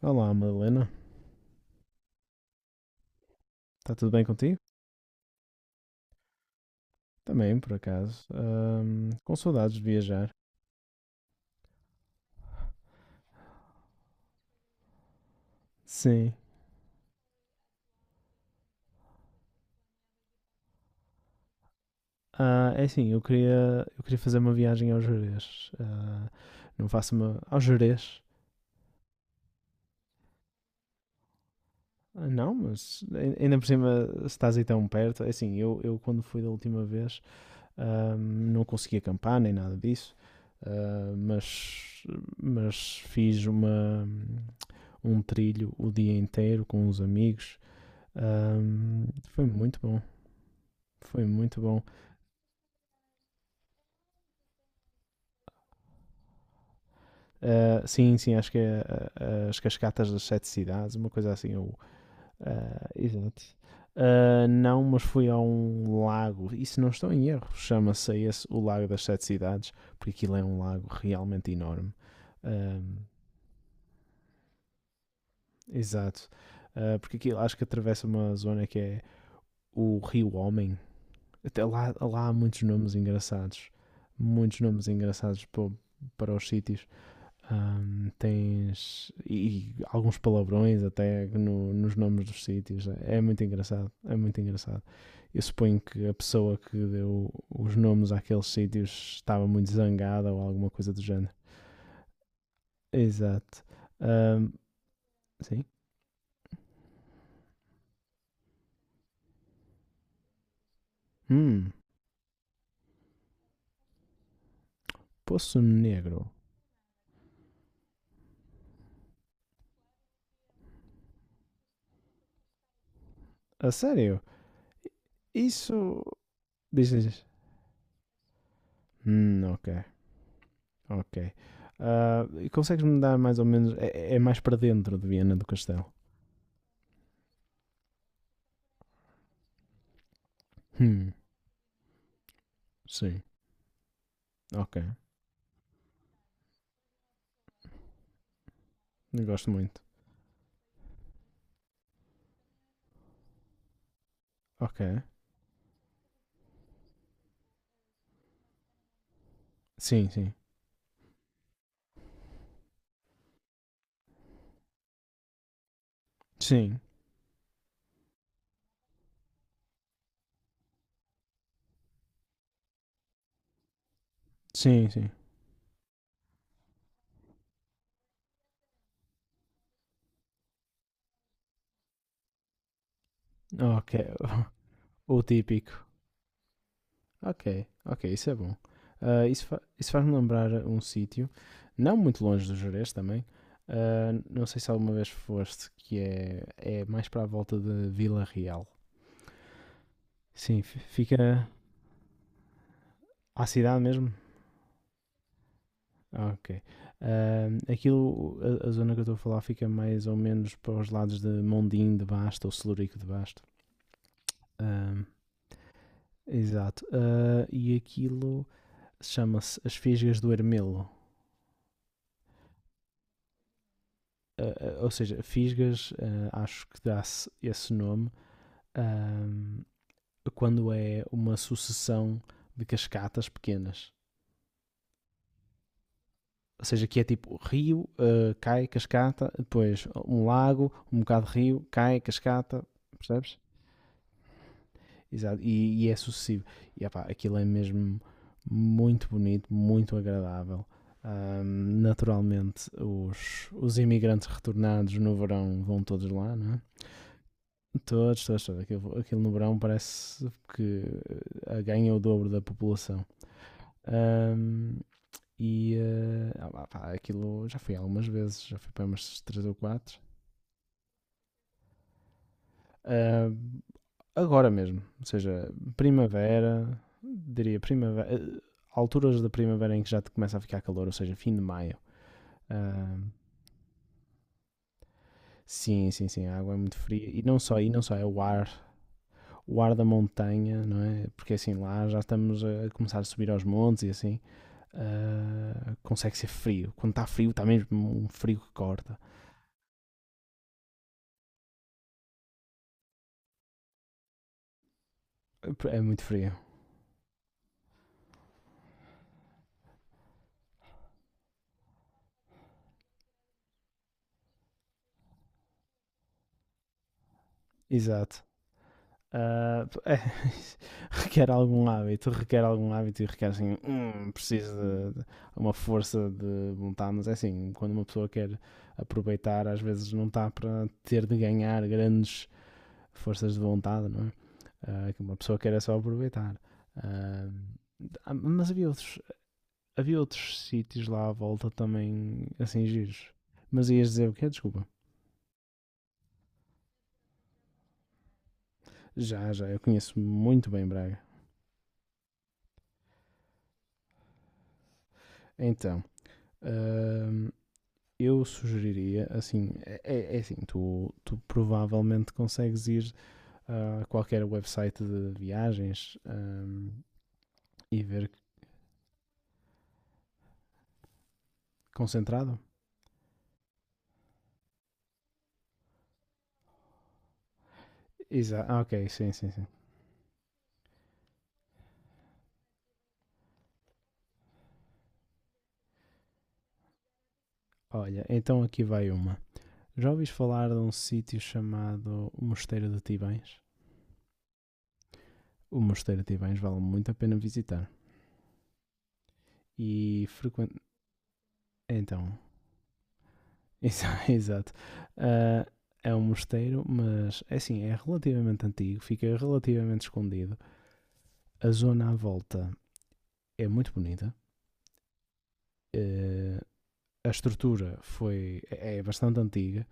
Olá, Madalena. Está tudo bem contigo? Também, por acaso. Com saudades de viajar. Sim. É assim, eu queria fazer uma viagem ao Jerez. Não faço uma... ao Jerez? Ah, não, mas ainda por cima se estás aí tão perto. É assim, eu quando fui da última vez não consegui acampar nem nada disso. Ah, mas fiz uma, um trilho o dia inteiro com os amigos. Ahm, Foi muito bom. Foi muito bom. Ah, sim, sim, acho que é as Cascatas das Sete Cidades, uma coisa assim. Ou, ah, exato. Ah, não, mas fui a um lago, e se não estou em erro, chama-se esse o Lago das Sete Cidades, porque aquilo é um lago realmente enorme. Ah, exato. Ah, porque aquilo acho que atravessa uma zona que é o Rio Homem. Até lá, lá há muitos nomes engraçados. Muitos nomes engraçados para, para os sítios. Tens e alguns palavrões até nos nomes dos sítios. É muito engraçado, é muito engraçado. Eu suponho que a pessoa que deu os nomes àqueles sítios estava muito zangada ou alguma coisa do género. Exato. Ahm, sim. Hum, Poço Negro. A sério? Isso. Diz, diz. Ok, ok. Ah, e consegues-me dar mais ou menos. É, é mais para dentro de Viena do Castelo. Hum, sim. Ok. Gosto muito. Ok. Sim, sim. Sim, sim, sim. Ok. O típico. Ok, ok, isso é bom. Ah, isso faz-me lembrar um sítio, não muito longe do Jerez também. Ah, não sei se alguma vez foste, que é, é mais para a volta de Vila Real. Sim, fica à cidade mesmo? Ah, ok. Aquilo, a zona que eu estou a falar fica mais ou menos para os lados de Mondim de Basto ou Celurico de Basto. Ahm, exato. Ah, e aquilo chama-se As Fisgas do Ermelo. Uh, ou seja, Fisgas, acho que dá-se esse nome, uh, quando é uma sucessão de cascatas pequenas. Ou seja, que é tipo rio, cai, cascata, depois um lago, um bocado de rio, cai, cascata, percebes? Exato, e é sucessivo. E epá, aquilo é mesmo muito bonito, muito agradável. Um, naturalmente, os imigrantes retornados no verão vão todos lá, não é? Todos, todos, todos. Aquilo, aquilo no verão parece que ganha o dobro da população. Ahm, pá, aquilo já fui algumas vezes, já fui para umas 3 ou 4. Agora mesmo, ou seja, primavera, diria primavera, alturas da primavera em que já te começa a ficar calor, ou seja, fim de maio. Ahm, Sim, sim, sim, a água é muito fria e não só é o ar da montanha, não é? Porque assim lá já estamos a começar a subir aos montes e assim, ah, consegue ser frio. Quando está frio, está mesmo um frio que corta. É muito frio. Exato. Ah, é, requer algum hábito e requer assim, precisa de uma força de vontade, mas é assim, quando uma pessoa quer aproveitar, às vezes não está para ter de ganhar grandes forças de vontade, não é? Ah, uma pessoa quer é só aproveitar. Ah, ah, mas havia outros havia outros sítios lá à volta também, assim, giros. Mas ias dizer o quê? Desculpa. Já, já, eu conheço muito bem Braga. Então, hum, eu sugeriria, assim, é assim, tu, tu provavelmente consegues ir a qualquer website de viagens e ver concentrado. Exato, ah, ok, sim, sim, sim. Olha, então aqui vai uma. Já ouviste falar de um sítio chamado Mosteiro de Tibães? O Mosteiro de Tibães vale muito a pena visitar. E frequente. Então, exato. Ah, é um mosteiro, mas é assim, é relativamente antigo, fica relativamente escondido. A zona à volta é muito bonita. Eh, a estrutura foi, é bastante antiga,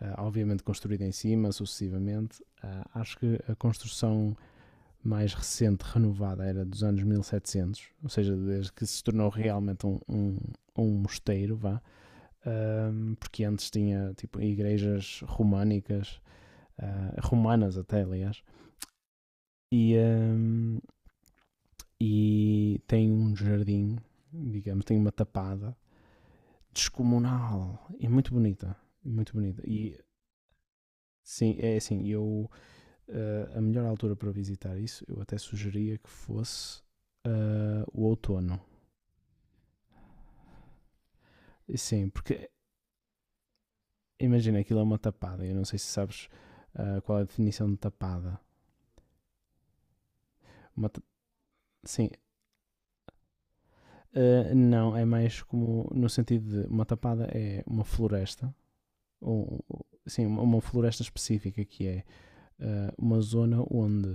ah, obviamente construída em cima sucessivamente. Ah, acho que a construção mais recente, renovada, era dos anos 1700 ou seja, desde que se tornou realmente um, um, um mosteiro, vá. Ahm, porque antes tinha tipo igrejas românicas, ah, romanas até, aliás, e, ahm, e tem um jardim, digamos, tem uma tapada descomunal e muito bonita, muito bonita. E sim, é assim, eu ah, a melhor altura para visitar isso, eu até sugeria que fosse ah, o outono. E sim, porque imagina aquilo é uma tapada, eu não sei se sabes ah, qual é a definição de tapada. Uma sim, não, é mais como no sentido de uma tapada é uma floresta, ou sim, uma- floresta específica que é uma zona onde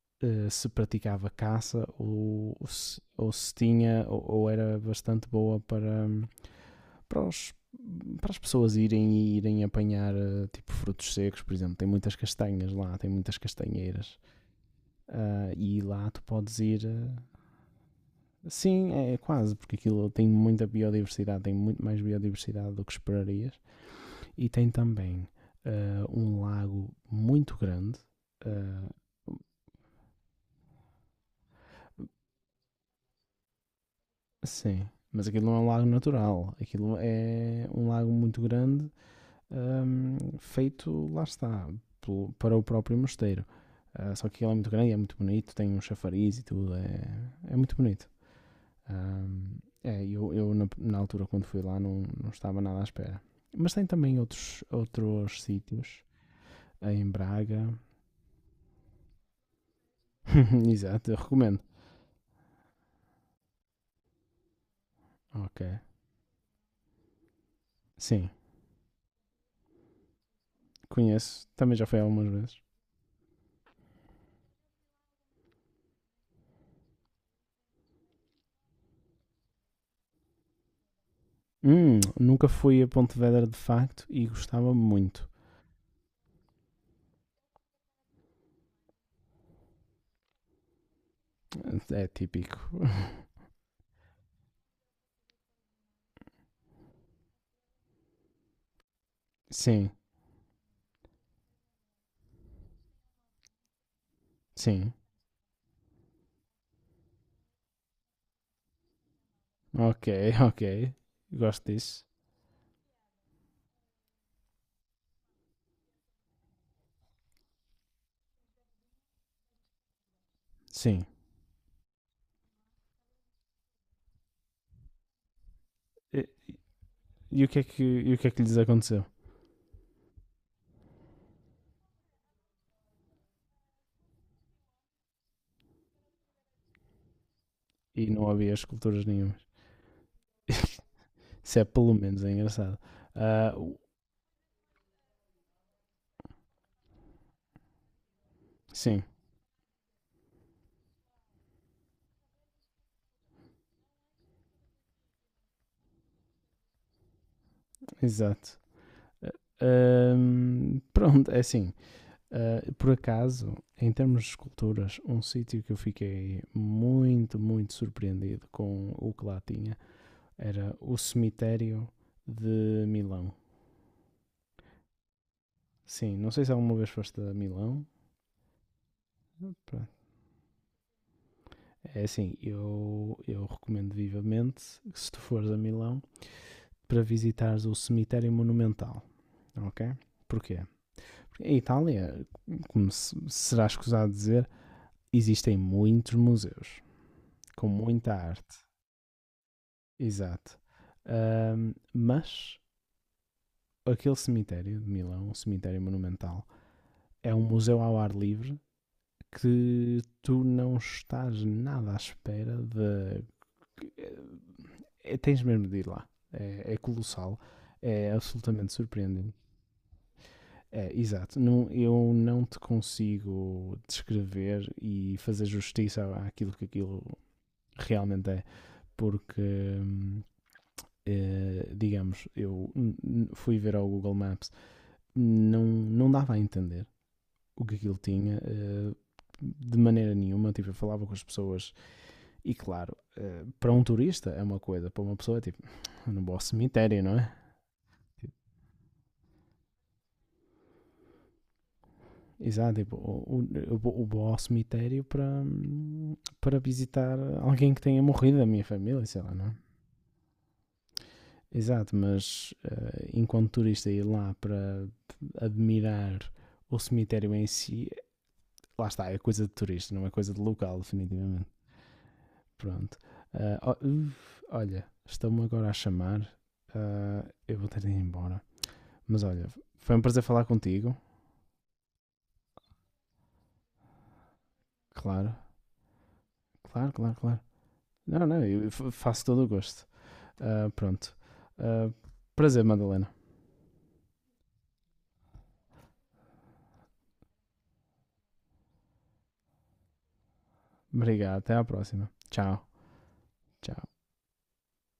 se praticava caça ou se tinha ou era bastante boa para, para, para as pessoas irem e irem apanhar tipo frutos secos, por exemplo, tem muitas castanhas lá, tem muitas castanheiras. Ah, e lá tu podes ir ah, sim, é quase, porque aquilo tem muita biodiversidade, tem muito mais biodiversidade do que esperarias. E tem também ah, um lago muito grande. Ah, sim, mas aquilo não é um lago natural. Aquilo é um lago muito grande, feito, lá está, para o próprio mosteiro. Ah, só que ele é muito grande, e é muito bonito, tem um chafariz e tudo, é, é muito bonito. Ahm, eu na altura quando fui lá não, não estava nada à espera. Mas tem também outros, outros sítios em Braga. Exato, eu recomendo. Ok. Sim, conheço. Também já fui algumas vezes. Nunca fui a Pontevedra de facto e gostava muito. É típico. Sim, sim. Ok, ok. Gosto disso. Sim. E, e o, que é que, e o que é que lhes aconteceu? E não havia esculturas nenhumas. Isso é pelo menos é engraçado. Ah, sim. Exato. Pronto, é assim. Ah, por acaso, em termos de esculturas, um sítio que eu fiquei muito, muito surpreendido com o que lá tinha era o cemitério de Milão. Sim, não sei se alguma vez foste a Milão. Pronto. É assim, eu recomendo vivamente que se tu fores a Milão para visitares o cemitério monumental, ok? Porquê? Porque em Itália, como será escusado dizer, existem muitos museus com muita arte, exato. Mas aquele cemitério de Milão, um cemitério monumental, é um museu ao ar livre que tu não estás nada à espera de. É- tens mesmo de ir lá. É, é colossal, é absolutamente surpreendente. É, exato. Não, eu não te consigo descrever e fazer justiça àquilo que aquilo realmente é, porque digamos, eu fui ver ao Google Maps, não, não dava a entender o que aquilo tinha de maneira nenhuma. Tipo, eu falava com as pessoas e, claro, eh, para um turista é uma coisa, para uma pessoa é tipo, eu não vou ao cemitério, não é? Tipo, exato, tipo, eu vou ao cemitério para, para visitar alguém que tenha morrido da minha família, sei lá, não é? Exato, mas eh, enquanto turista ir lá para admirar o cemitério em si lá está, é coisa de turista, não é coisa de local, definitivamente. Pronto. Ah, olha, estão-me agora a chamar. Ah, eu vou ter de ir embora. Mas olha, foi um prazer falar contigo. Claro, claro, claro, claro. Não, não, eu faço todo o gosto. Ah, pronto. Ah, prazer, Madalena. Obrigado, até à próxima. Tchau, tchau.